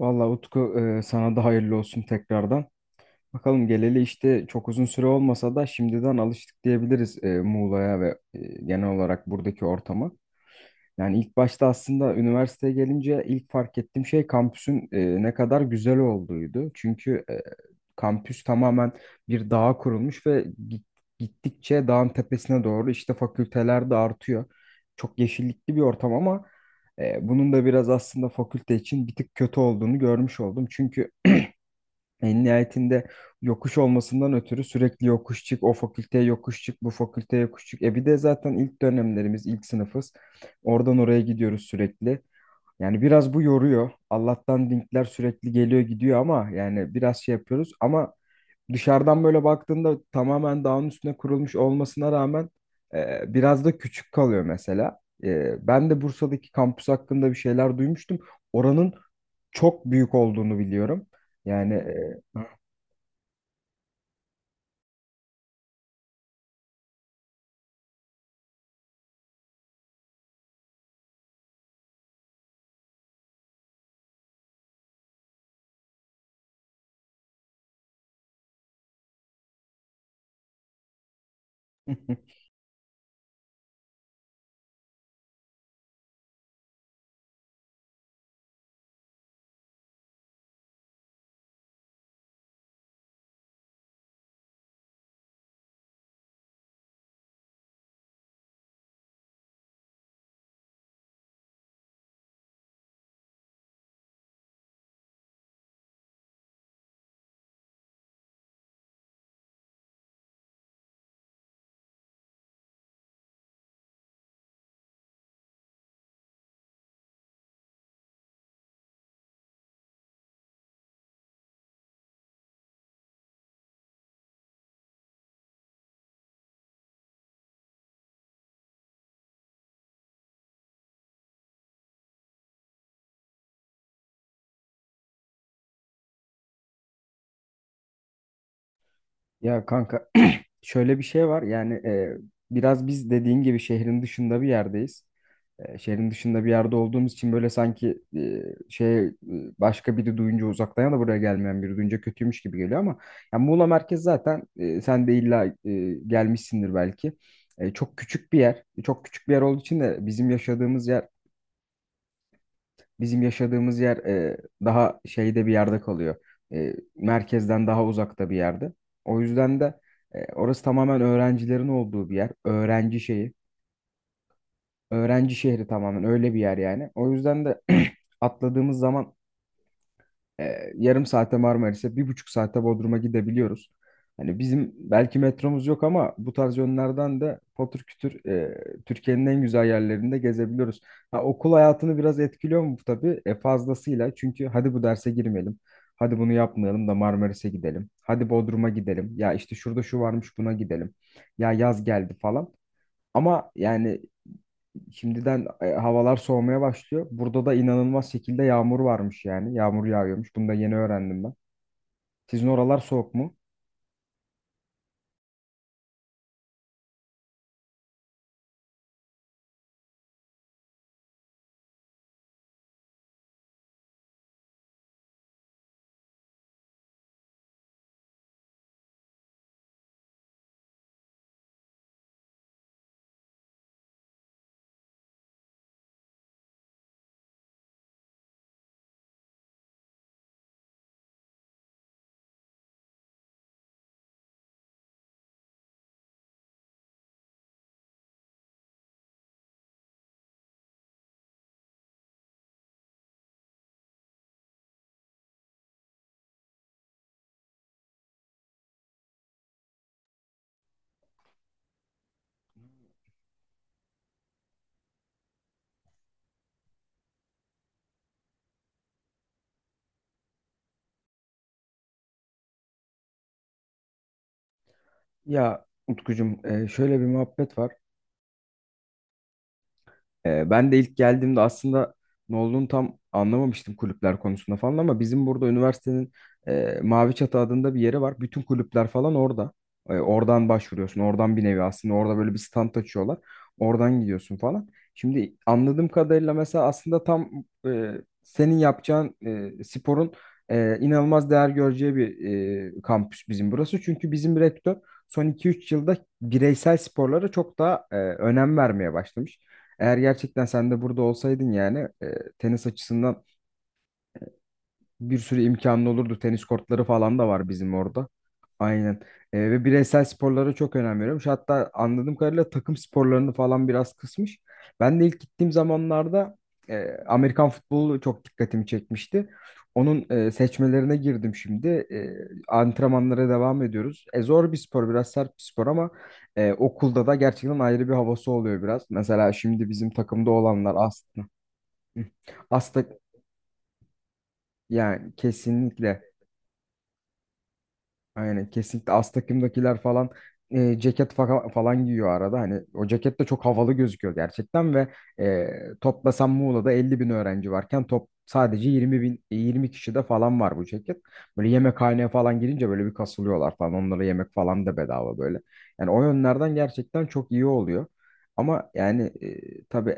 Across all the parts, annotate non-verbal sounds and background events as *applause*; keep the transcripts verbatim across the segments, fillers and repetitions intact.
Vallahi Utku, e, sana da hayırlı olsun tekrardan. Bakalım geleli işte çok uzun süre olmasa da şimdiden alıştık diyebiliriz e, Muğla'ya ve e, genel olarak buradaki ortama. Yani ilk başta aslında üniversiteye gelince ilk fark ettiğim şey kampüsün e, ne kadar güzel olduğuydu. Çünkü e, kampüs tamamen bir dağa kurulmuş ve git- gittikçe dağın tepesine doğru işte fakülteler de artıyor. Çok yeşillikli bir ortam ama e, bunun da biraz aslında fakülte için bir tık kötü olduğunu görmüş oldum. Çünkü en nihayetinde yokuş olmasından ötürü sürekli yokuş çık, o fakülteye yokuş çık, bu fakülteye yokuş çık. E bir de zaten ilk dönemlerimiz, ilk sınıfız. Oradan oraya gidiyoruz sürekli. Yani biraz bu yoruyor. Allah'tan linkler sürekli geliyor gidiyor ama yani biraz şey yapıyoruz. Ama dışarıdan böyle baktığında tamamen dağın üstüne kurulmuş olmasına rağmen e, biraz da küçük kalıyor mesela. E, ben de Bursa'daki kampüs hakkında bir şeyler duymuştum. Oranın çok büyük olduğunu biliyorum. Yani e, *laughs* Ya kanka, *clears throat* şöyle bir şey var yani e, biraz biz dediğin gibi şehrin dışında bir yerdeyiz. E, şehrin dışında bir yerde olduğumuz için böyle sanki e, şey e, başka biri duyunca uzaktan ya da buraya gelmeyen biri duyunca kötüymüş gibi geliyor ama yani Muğla merkez zaten e, sen de illa e, gelmişsindir belki. E, çok küçük bir yer. E, Çok küçük bir yer olduğu için de bizim yaşadığımız yer bizim yaşadığımız yer e, daha şeyde bir yerde kalıyor. E, merkezden daha uzakta bir yerde. O yüzden de e, orası tamamen öğrencilerin olduğu bir yer. Öğrenci şeyi. Öğrenci şehri tamamen öyle bir yer yani. O yüzden de *clears throat* atladığımız zaman e, yarım saate Marmaris'e, bir buçuk saate Bodrum'a gidebiliyoruz. Hani bizim belki metromuz yok ama bu tarz yönlerden de patır kütür e, Türkiye'nin en güzel yerlerinde gezebiliyoruz. Ha, okul hayatını biraz etkiliyor mu bu tabii? E, fazlasıyla. Çünkü hadi bu derse girmeyelim. Hadi bunu yapmayalım da Marmaris'e gidelim. Hadi Bodrum'a gidelim. Ya işte şurada şu varmış buna gidelim. Ya yaz geldi falan. Ama yani şimdiden e, havalar soğumaya başlıyor. Burada da inanılmaz şekilde yağmur varmış yani. Yağmur yağıyormuş. Bunu da yeni öğrendim ben. Sizin oralar soğuk mu? Ya Utkucuğum, e, şöyle bir muhabbet var. Ee, ben de ilk geldiğimde aslında ne olduğunu tam anlamamıştım kulüpler konusunda falan ama bizim burada üniversitenin e, Mavi Çatı adında bir yeri var. Bütün kulüpler falan orada. E, oradan başvuruyorsun. Oradan bir nevi aslında orada böyle bir stand açıyorlar. Oradan gidiyorsun falan. Şimdi anladığım kadarıyla mesela aslında tam e, senin yapacağın e, sporun e, inanılmaz değer göreceği bir e, kampüs bizim burası. Çünkü bizim rektör son iki üç yılda bireysel sporlara çok daha e, önem vermeye başlamış. Eğer gerçekten sen de burada olsaydın yani e, tenis açısından bir sürü imkanın olurdu. Tenis kortları falan da var bizim orada. Aynen. E, ve bireysel sporlara çok önem veriyormuş. Hatta anladığım kadarıyla takım sporlarını falan biraz kısmış. Ben de ilk gittiğim zamanlarda e, Amerikan futbolu çok dikkatimi çekmişti. Onun e, seçmelerine girdim şimdi. E, antrenmanlara devam ediyoruz. E, zor bir spor, biraz sert bir spor ama e, okulda da gerçekten ayrı bir havası oluyor biraz. Mesela şimdi bizim takımda olanlar aslında. Hı. Astak yani kesinlikle, aynen kesinlikle az takımdakiler falan e, ceket fa- falan giyiyor arada. Hani o ceket de çok havalı gözüküyor gerçekten ve e, toplasan Muğla'da elli bin öğrenci varken top sadece yirmi bin yirmi kişi de falan var bu ceket, böyle yemekhaneye falan girince böyle bir kasılıyorlar falan, onlara yemek falan da bedava böyle. Yani o yönlerden gerçekten çok iyi oluyor ama yani e, tabii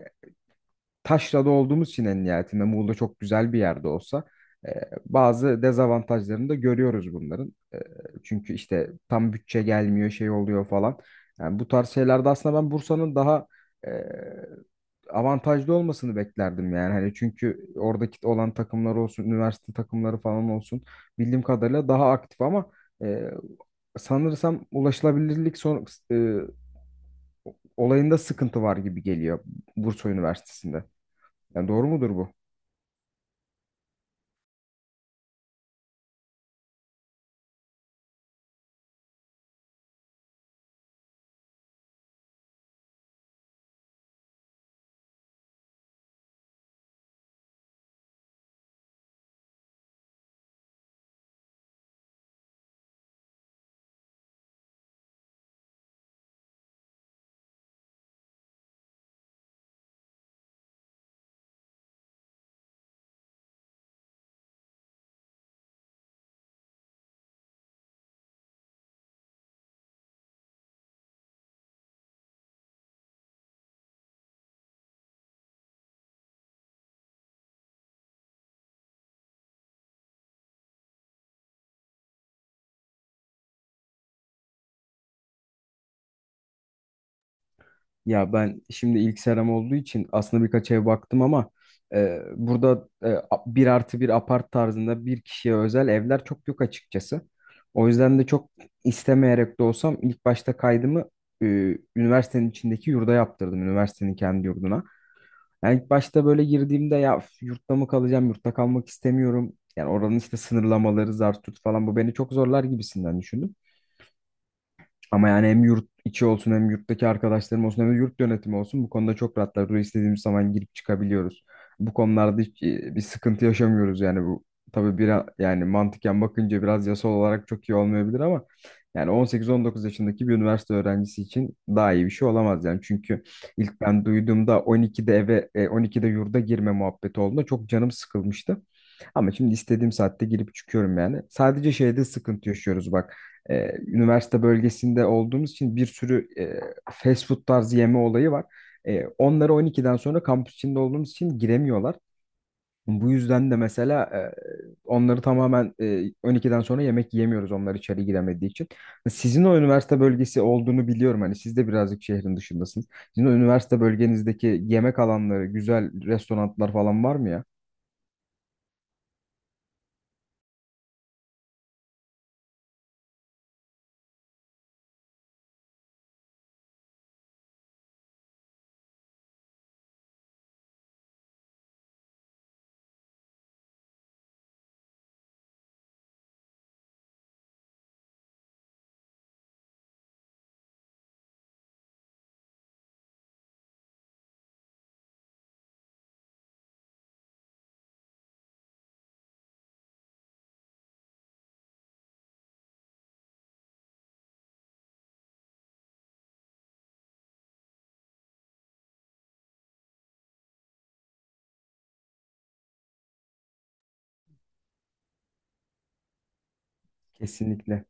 taşrada olduğumuz için en nihayetinde Muğla çok güzel bir yerde olsa e, bazı dezavantajlarını da görüyoruz bunların. E, çünkü işte tam bütçe gelmiyor, şey oluyor falan. Yani bu tarz şeylerde aslında ben Bursa'nın daha e, avantajlı olmasını beklerdim yani. Hani çünkü oradaki olan takımlar olsun, üniversite takımları falan olsun bildiğim kadarıyla daha aktif ama e, sanırsam ulaşılabilirlik son, e, olayında sıkıntı var gibi geliyor Bursa Üniversitesi'nde. Yani doğru mudur bu? Ya ben şimdi ilk seram olduğu için aslında birkaç ev baktım ama e, burada e, bir artı bir apart tarzında bir kişiye özel evler çok yok açıkçası. O yüzden de çok istemeyerek de olsam ilk başta kaydımı e, üniversitenin içindeki yurda yaptırdım. Üniversitenin kendi yurduna. Yani ilk başta böyle girdiğimde ya üf, yurtta mı kalacağım, yurtta kalmak istemiyorum. Yani oranın işte sınırlamaları, zar tut falan bu beni çok zorlar gibisinden düşündüm. Ama yani hem yurt içi olsun hem yurttaki arkadaşlarım olsun hem de yurt yönetimi olsun bu konuda çok rahatlar. Buraya istediğimiz zaman girip çıkabiliyoruz. Bu konularda hiç e, bir sıkıntı yaşamıyoruz yani bu. Tabii biraz yani mantıken bakınca biraz yasal olarak çok iyi olmayabilir ama yani on sekiz on dokuz yaşındaki bir üniversite öğrencisi için daha iyi bir şey olamaz yani. Çünkü ilk ben duyduğumda on ikide eve e, on ikide yurda girme muhabbeti olduğunda çok canım sıkılmıştı. Ama şimdi istediğim saatte girip çıkıyorum yani. Sadece şeyde sıkıntı yaşıyoruz bak, e, üniversite bölgesinde olduğumuz için bir sürü e, fast food tarzı yeme olayı var. E, onları on ikiden sonra kampüs içinde olduğumuz için giremiyorlar. Bu yüzden de mesela e, onları tamamen e, on ikiden sonra yemek yiyemiyoruz onlar içeri giremediği için. Sizin o üniversite bölgesi olduğunu biliyorum. Hani siz de birazcık şehrin dışındasınız. Sizin o üniversite bölgenizdeki yemek alanları, güzel restoranlar falan var mı ya? Kesinlikle.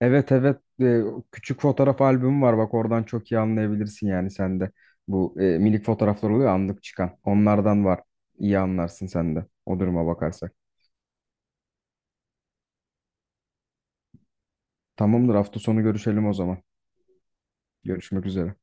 Evet, evet. Ee, küçük fotoğraf albümü var bak, oradan çok iyi anlayabilirsin yani sen de. Bu e, minik fotoğraflar oluyor anlık çıkan. Onlardan var. İyi anlarsın sen de o duruma bakarsak. Tamamdır hafta sonu görüşelim o zaman. Görüşmek üzere.